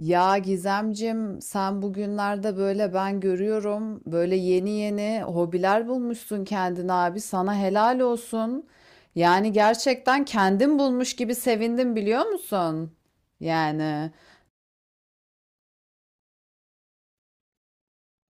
Ya Gizemcim, sen bugünlerde böyle ben görüyorum böyle yeni yeni hobiler bulmuşsun kendine abi. Sana helal olsun. Yani gerçekten kendin bulmuş gibi sevindim biliyor musun? Yani.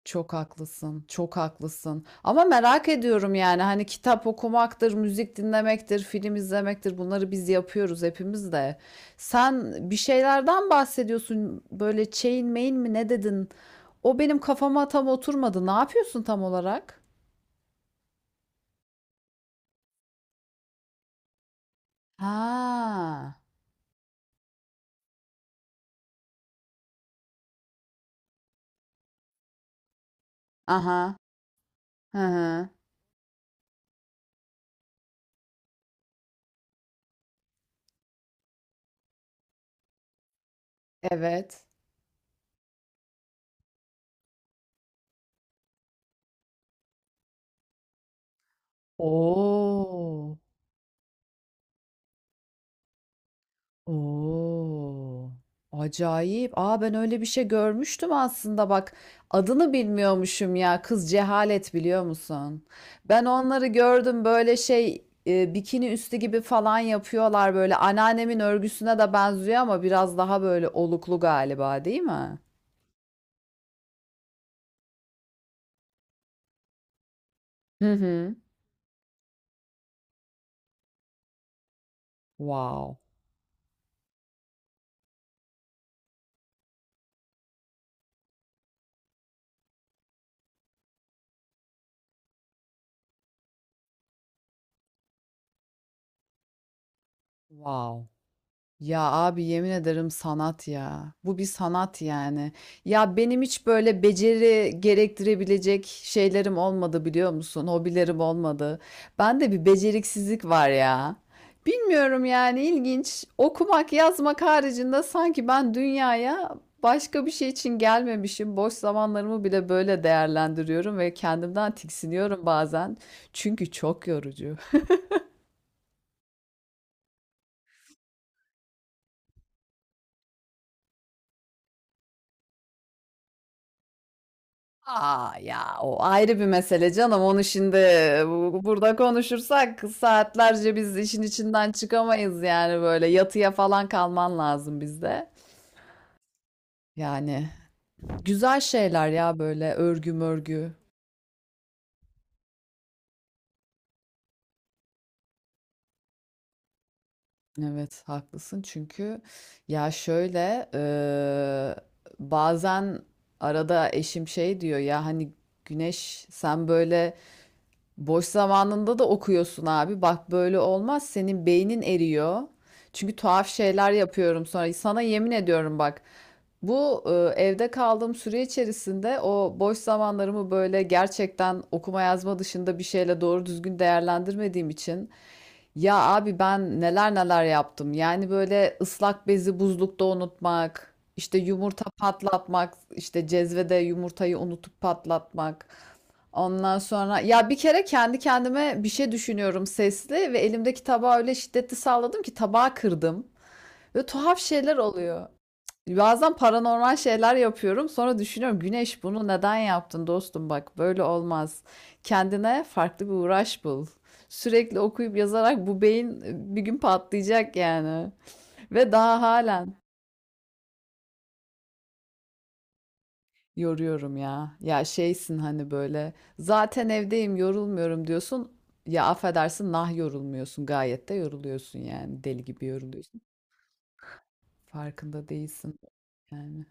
Çok haklısın, çok haklısın. Ama merak ediyorum yani hani kitap okumaktır, müzik dinlemektir, film izlemektir bunları biz yapıyoruz hepimiz de. Sen bir şeylerden bahsediyorsun böyle chain main mi ne dedin? O benim kafama tam oturmadı. Ne yapıyorsun tam olarak? Ha, aha, hı hı, evet. Oo. Oo, acayip. Aa ben öyle bir şey görmüştüm aslında bak. Adını bilmiyormuşum ya. Kız cehalet biliyor musun? Ben onları gördüm böyle şey bikini üstü gibi falan yapıyorlar böyle. Anneannemin örgüsüne de benziyor ama biraz daha böyle oluklu galiba değil mi? Hı hı. Wow. Wow. Ya abi yemin ederim sanat ya. Bu bir sanat yani. Ya benim hiç böyle beceri gerektirebilecek şeylerim olmadı biliyor musun? Hobilerim olmadı. Bende bir beceriksizlik var ya. Bilmiyorum yani ilginç. Okumak, yazmak haricinde sanki ben dünyaya başka bir şey için gelmemişim. Boş zamanlarımı bile böyle değerlendiriyorum ve kendimden tiksiniyorum bazen. Çünkü çok yorucu. A, ya, o ayrı bir mesele canım. Onu şimdi burada konuşursak saatlerce biz işin içinden çıkamayız yani böyle yatıya falan kalman lazım bizde. Yani güzel şeyler ya böyle örgü mörgü. Evet haklısın çünkü ya şöyle bazen arada eşim şey diyor ya hani Güneş sen böyle boş zamanında da okuyorsun abi. Bak böyle olmaz. Senin beynin eriyor. Çünkü tuhaf şeyler yapıyorum sonra. Sana yemin ediyorum bak. Bu e, Evde kaldığım süre içerisinde o boş zamanlarımı böyle gerçekten okuma yazma dışında bir şeyle doğru düzgün değerlendirmediğim için ya abi ben neler neler yaptım. Yani böyle ıslak bezi buzlukta unutmak, işte yumurta patlatmak, işte cezvede yumurtayı unutup patlatmak. Ondan sonra ya bir kere kendi kendime bir şey düşünüyorum sesli ve elimdeki tabağı öyle şiddetli salladım ki tabağı kırdım. Ve tuhaf şeyler oluyor. Bazen paranormal şeyler yapıyorum. Sonra düşünüyorum Güneş bunu neden yaptın dostum bak böyle olmaz. Kendine farklı bir uğraş bul. Sürekli okuyup yazarak bu beyin bir gün patlayacak yani. Ve daha halen yoruyorum ya. Ya şeysin hani böyle zaten evdeyim yorulmuyorum diyorsun. Ya affedersin nah yorulmuyorsun gayet de yoruluyorsun yani deli gibi yoruluyorsun. Farkında değilsin yani.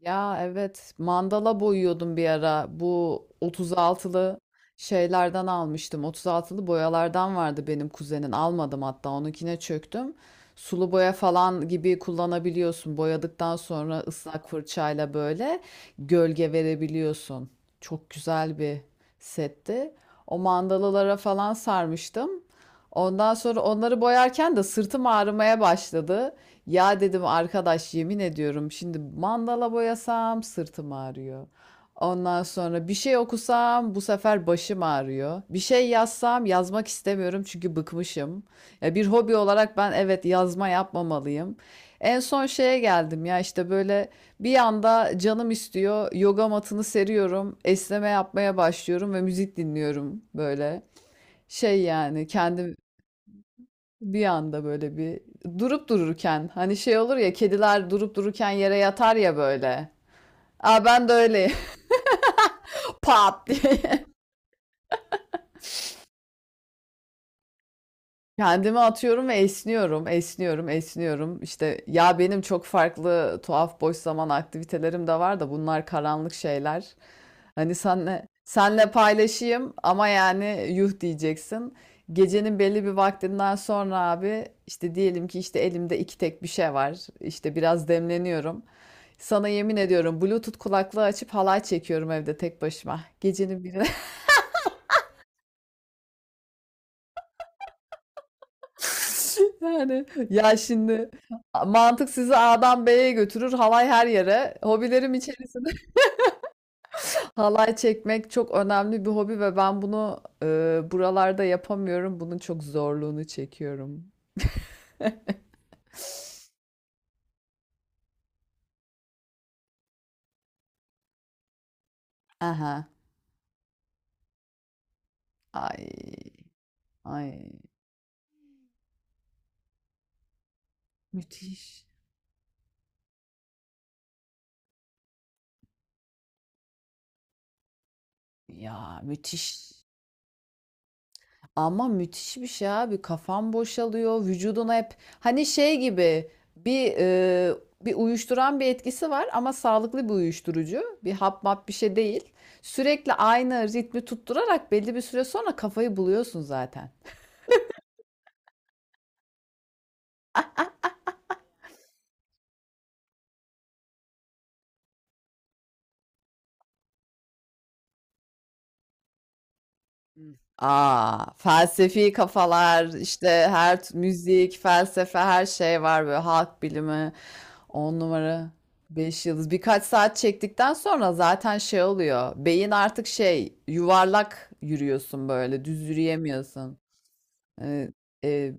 Ya evet mandala boyuyordum bir ara. Bu 36'lı şeylerden almıştım. 36'lı boyalardan vardı benim kuzenin. Almadım hatta onunkine çöktüm. Sulu boya falan gibi kullanabiliyorsun. Boyadıktan sonra ıslak fırçayla böyle gölge verebiliyorsun. Çok güzel bir setti. O mandalalara falan sarmıştım. Ondan sonra onları boyarken de sırtım ağrımaya başladı. Ya dedim arkadaş yemin ediyorum şimdi mandala boyasam sırtım ağrıyor. Ondan sonra bir şey okusam bu sefer başım ağrıyor. Bir şey yazsam yazmak istemiyorum çünkü bıkmışım. Ya bir hobi olarak ben evet yazma yapmamalıyım. En son şeye geldim ya işte böyle bir anda canım istiyor. Yoga matını seriyorum. Esneme yapmaya başlıyorum ve müzik dinliyorum böyle. Şey yani kendim bir anda böyle bir durup dururken hani şey olur ya kediler durup dururken yere yatar ya böyle. Aa ben de öyle pat diye. Kendimi atıyorum ve esniyorum, esniyorum, esniyorum. İşte ya benim çok farklı tuhaf boş zaman aktivitelerim de var da bunlar karanlık şeyler. Hani senle paylaşayım ama yani yuh diyeceksin. Gecenin belli bir vaktinden sonra abi işte diyelim ki işte elimde iki tek bir şey var. İşte biraz demleniyorum. Sana yemin ediyorum Bluetooth kulaklığı açıp halay çekiyorum evde tek başıma. Gecenin bir yani ya şimdi mantık sizi A'dan B'ye götürür, halay her yere. Hobilerim içerisinde halay çekmek çok önemli bir hobi ve ben bunu buralarda yapamıyorum. Bunun çok zorluğunu çekiyorum. Aha. Ay, ay. Müthiş. Ya müthiş. Ama müthiş bir şey abi. Kafan boşalıyor. Vücuduna hep hani şey gibi bir bir uyuşturan bir etkisi var ama sağlıklı bir uyuşturucu. Bir hap map bir şey değil. Sürekli aynı ritmi tutturarak belli bir süre sonra kafayı buluyorsun zaten. Aa, felsefi kafalar, işte müzik, felsefe, her şey var böyle halk bilimi, on numara, beş yıldız. Birkaç saat çektikten sonra zaten şey oluyor. Beyin artık şey yuvarlak yürüyorsun böyle, düz yürüyemiyorsun. Evet, e,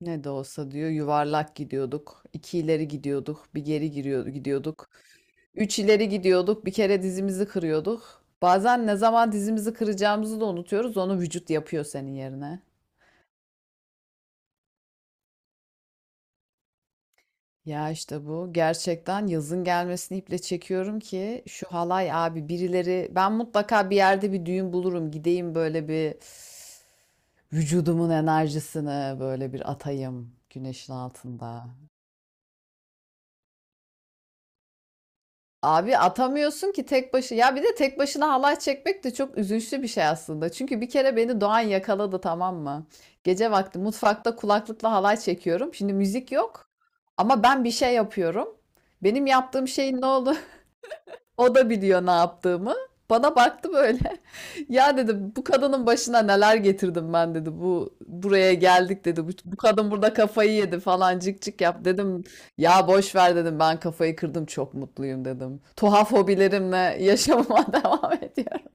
ne de olsa diyor yuvarlak gidiyorduk. İki ileri gidiyorduk. Bir geri giriyor, gidiyorduk. Üç ileri gidiyorduk. Bir kere dizimizi kırıyorduk. Bazen ne zaman dizimizi kıracağımızı da unutuyoruz. Onu vücut yapıyor senin yerine. Ya işte bu. Gerçekten yazın gelmesini iple çekiyorum ki şu halay abi birileri ben mutlaka bir yerde bir düğün bulurum. Gideyim böyle bir vücudumun enerjisini böyle bir atayım güneşin altında. Abi atamıyorsun ki tek başına. Ya bir de tek başına halay çekmek de çok üzünçlü bir şey aslında. Çünkü bir kere beni Doğan yakaladı tamam mı? Gece vakti mutfakta kulaklıkla halay çekiyorum. Şimdi müzik yok ama ben bir şey yapıyorum. Benim yaptığım şeyin ne oldu? O da biliyor ne yaptığımı. Bana baktı böyle. Ya dedi bu kadının başına neler getirdim ben dedi. Bu buraya geldik dedi. Bu kadın burada kafayı yedi falan cik cik yap dedim. Ya boş ver dedim. Ben kafayı kırdım çok mutluyum dedim. Tuhaf hobilerimle yaşamama devam ediyorum.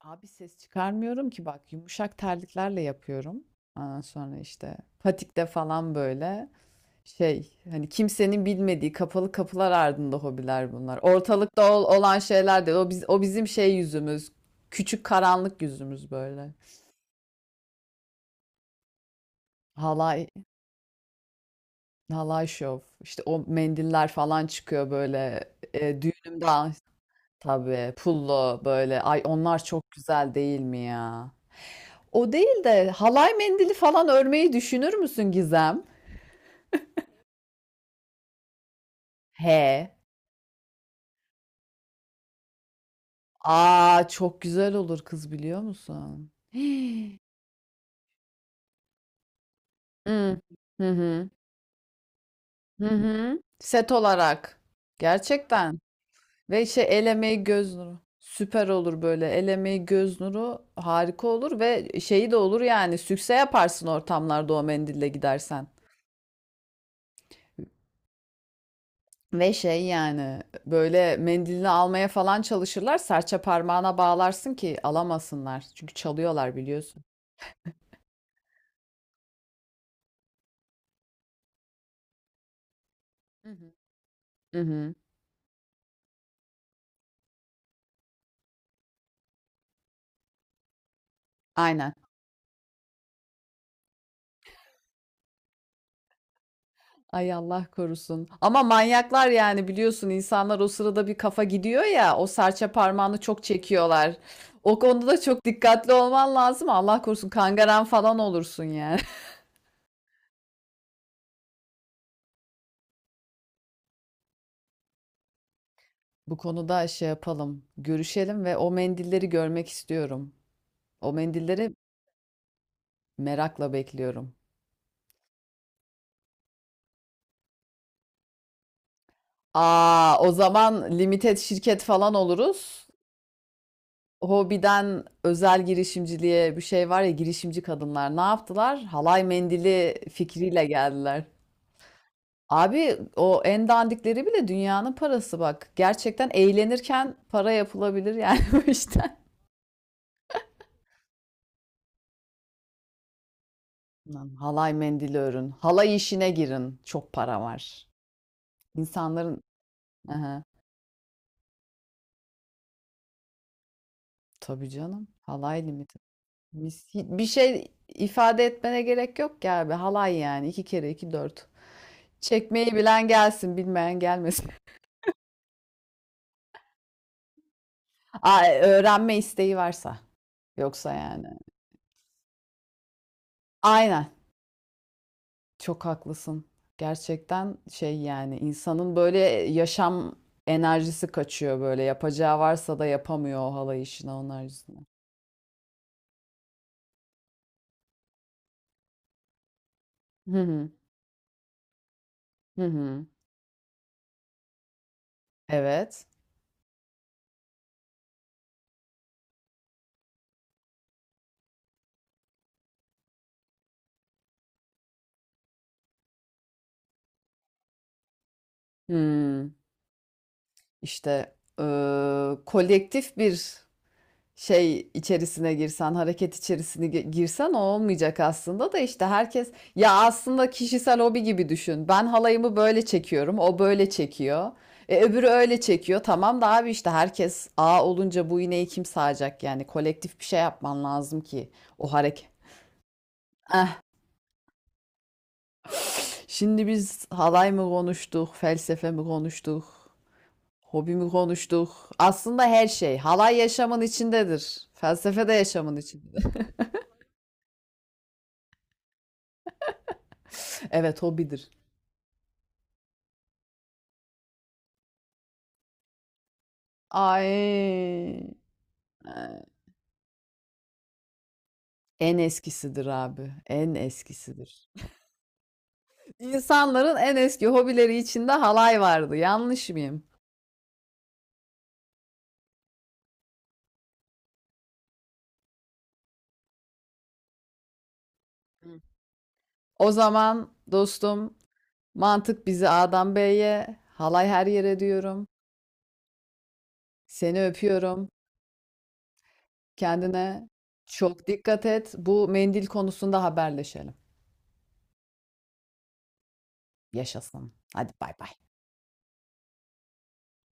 Abi ses çıkarmıyorum ki bak yumuşak terliklerle yapıyorum. Ondan sonra işte patikte falan böyle. Şey hani kimsenin bilmediği kapalı kapılar ardında hobiler bunlar. Ortalıkta olan şeyler değil. O, biz, o bizim şey yüzümüz. Küçük karanlık yüzümüz böyle. Halay, halay şov. İşte o mendiller falan çıkıyor böyle. E, düğünümde al- tabii pullo böyle. Ay onlar çok güzel değil mi ya? O değil de halay mendili falan örmeyi düşünür müsün Gizem? He. Aa çok güzel olur kız biliyor musun? Hı. Hı hı. Hı hı. Set olarak. Gerçekten. Ve şey el emeği göz nuru. Süper olur böyle. El emeği göz nuru harika olur ve şeyi de olur yani. Sükse yaparsın ortamlarda o mendille gidersen. Ve şey yani böyle mendilini almaya falan çalışırlar. Serçe parmağına bağlarsın ki alamasınlar. Çünkü çalıyorlar biliyorsun. Hı hı. Hı hı. Aynen. Ay Allah korusun. Ama manyaklar yani biliyorsun insanlar o sırada bir kafa gidiyor ya o serçe parmağını çok çekiyorlar. O konuda da çok dikkatli olman lazım. Allah korusun kangaren falan olursun yani. Bu konuda şey yapalım, görüşelim ve o mendilleri görmek istiyorum. O mendilleri merakla bekliyorum. Aa, o zaman limited şirket falan oluruz. Hobiden özel girişimciliğe bir şey var ya girişimci kadınlar ne yaptılar? Halay mendili fikriyle geldiler. Abi o en dandikleri bile dünyanın parası bak. Gerçekten eğlenirken para yapılabilir yani bu işten. Lan halay mendili örün. Halay işine girin. Çok para var. İnsanların... Aha, tabii canım. Halay limiti. Mis- bir şey ifade etmene gerek yok ki abi. Halay yani. İki kere iki dört. Çekmeyi bilen gelsin, bilmeyen gelmesin. Aa, öğrenme isteği varsa. Yoksa yani. Aynen. Çok haklısın. Gerçekten şey yani insanın böyle yaşam enerjisi kaçıyor böyle. Yapacağı varsa da yapamıyor o halay işini onlar yüzünden. Hı hı. Hı hı. Evet. Hmm. İşte kolektif bir şey içerisine girsen, hareket içerisine girsen o olmayacak aslında da işte herkes ya aslında kişisel hobi gibi düşün. Ben halayımı böyle çekiyorum, o böyle çekiyor. E, öbürü öyle çekiyor. Tamam da abi işte herkes A olunca bu iğneyi kim sağacak? Yani kolektif bir şey yapman lazım ki o hareket. Eh. Şimdi biz halay mı konuştuk, felsefe mi konuştuk, hobi mi konuştuk? Aslında her şey. Halay yaşamın içindedir. Felsefe de yaşamın içindedir. Evet, hobidir. Ay, en eskisidir abi, en eskisidir. İnsanların en eski hobileri içinde halay vardı. Yanlış mıyım? Hı. O zaman dostum, mantık bizi A'dan B'ye, halay her yere diyorum. Seni öpüyorum. Kendine çok dikkat et. Bu mendil konusunda haberleşelim. Yaşasın. Hadi bay bay.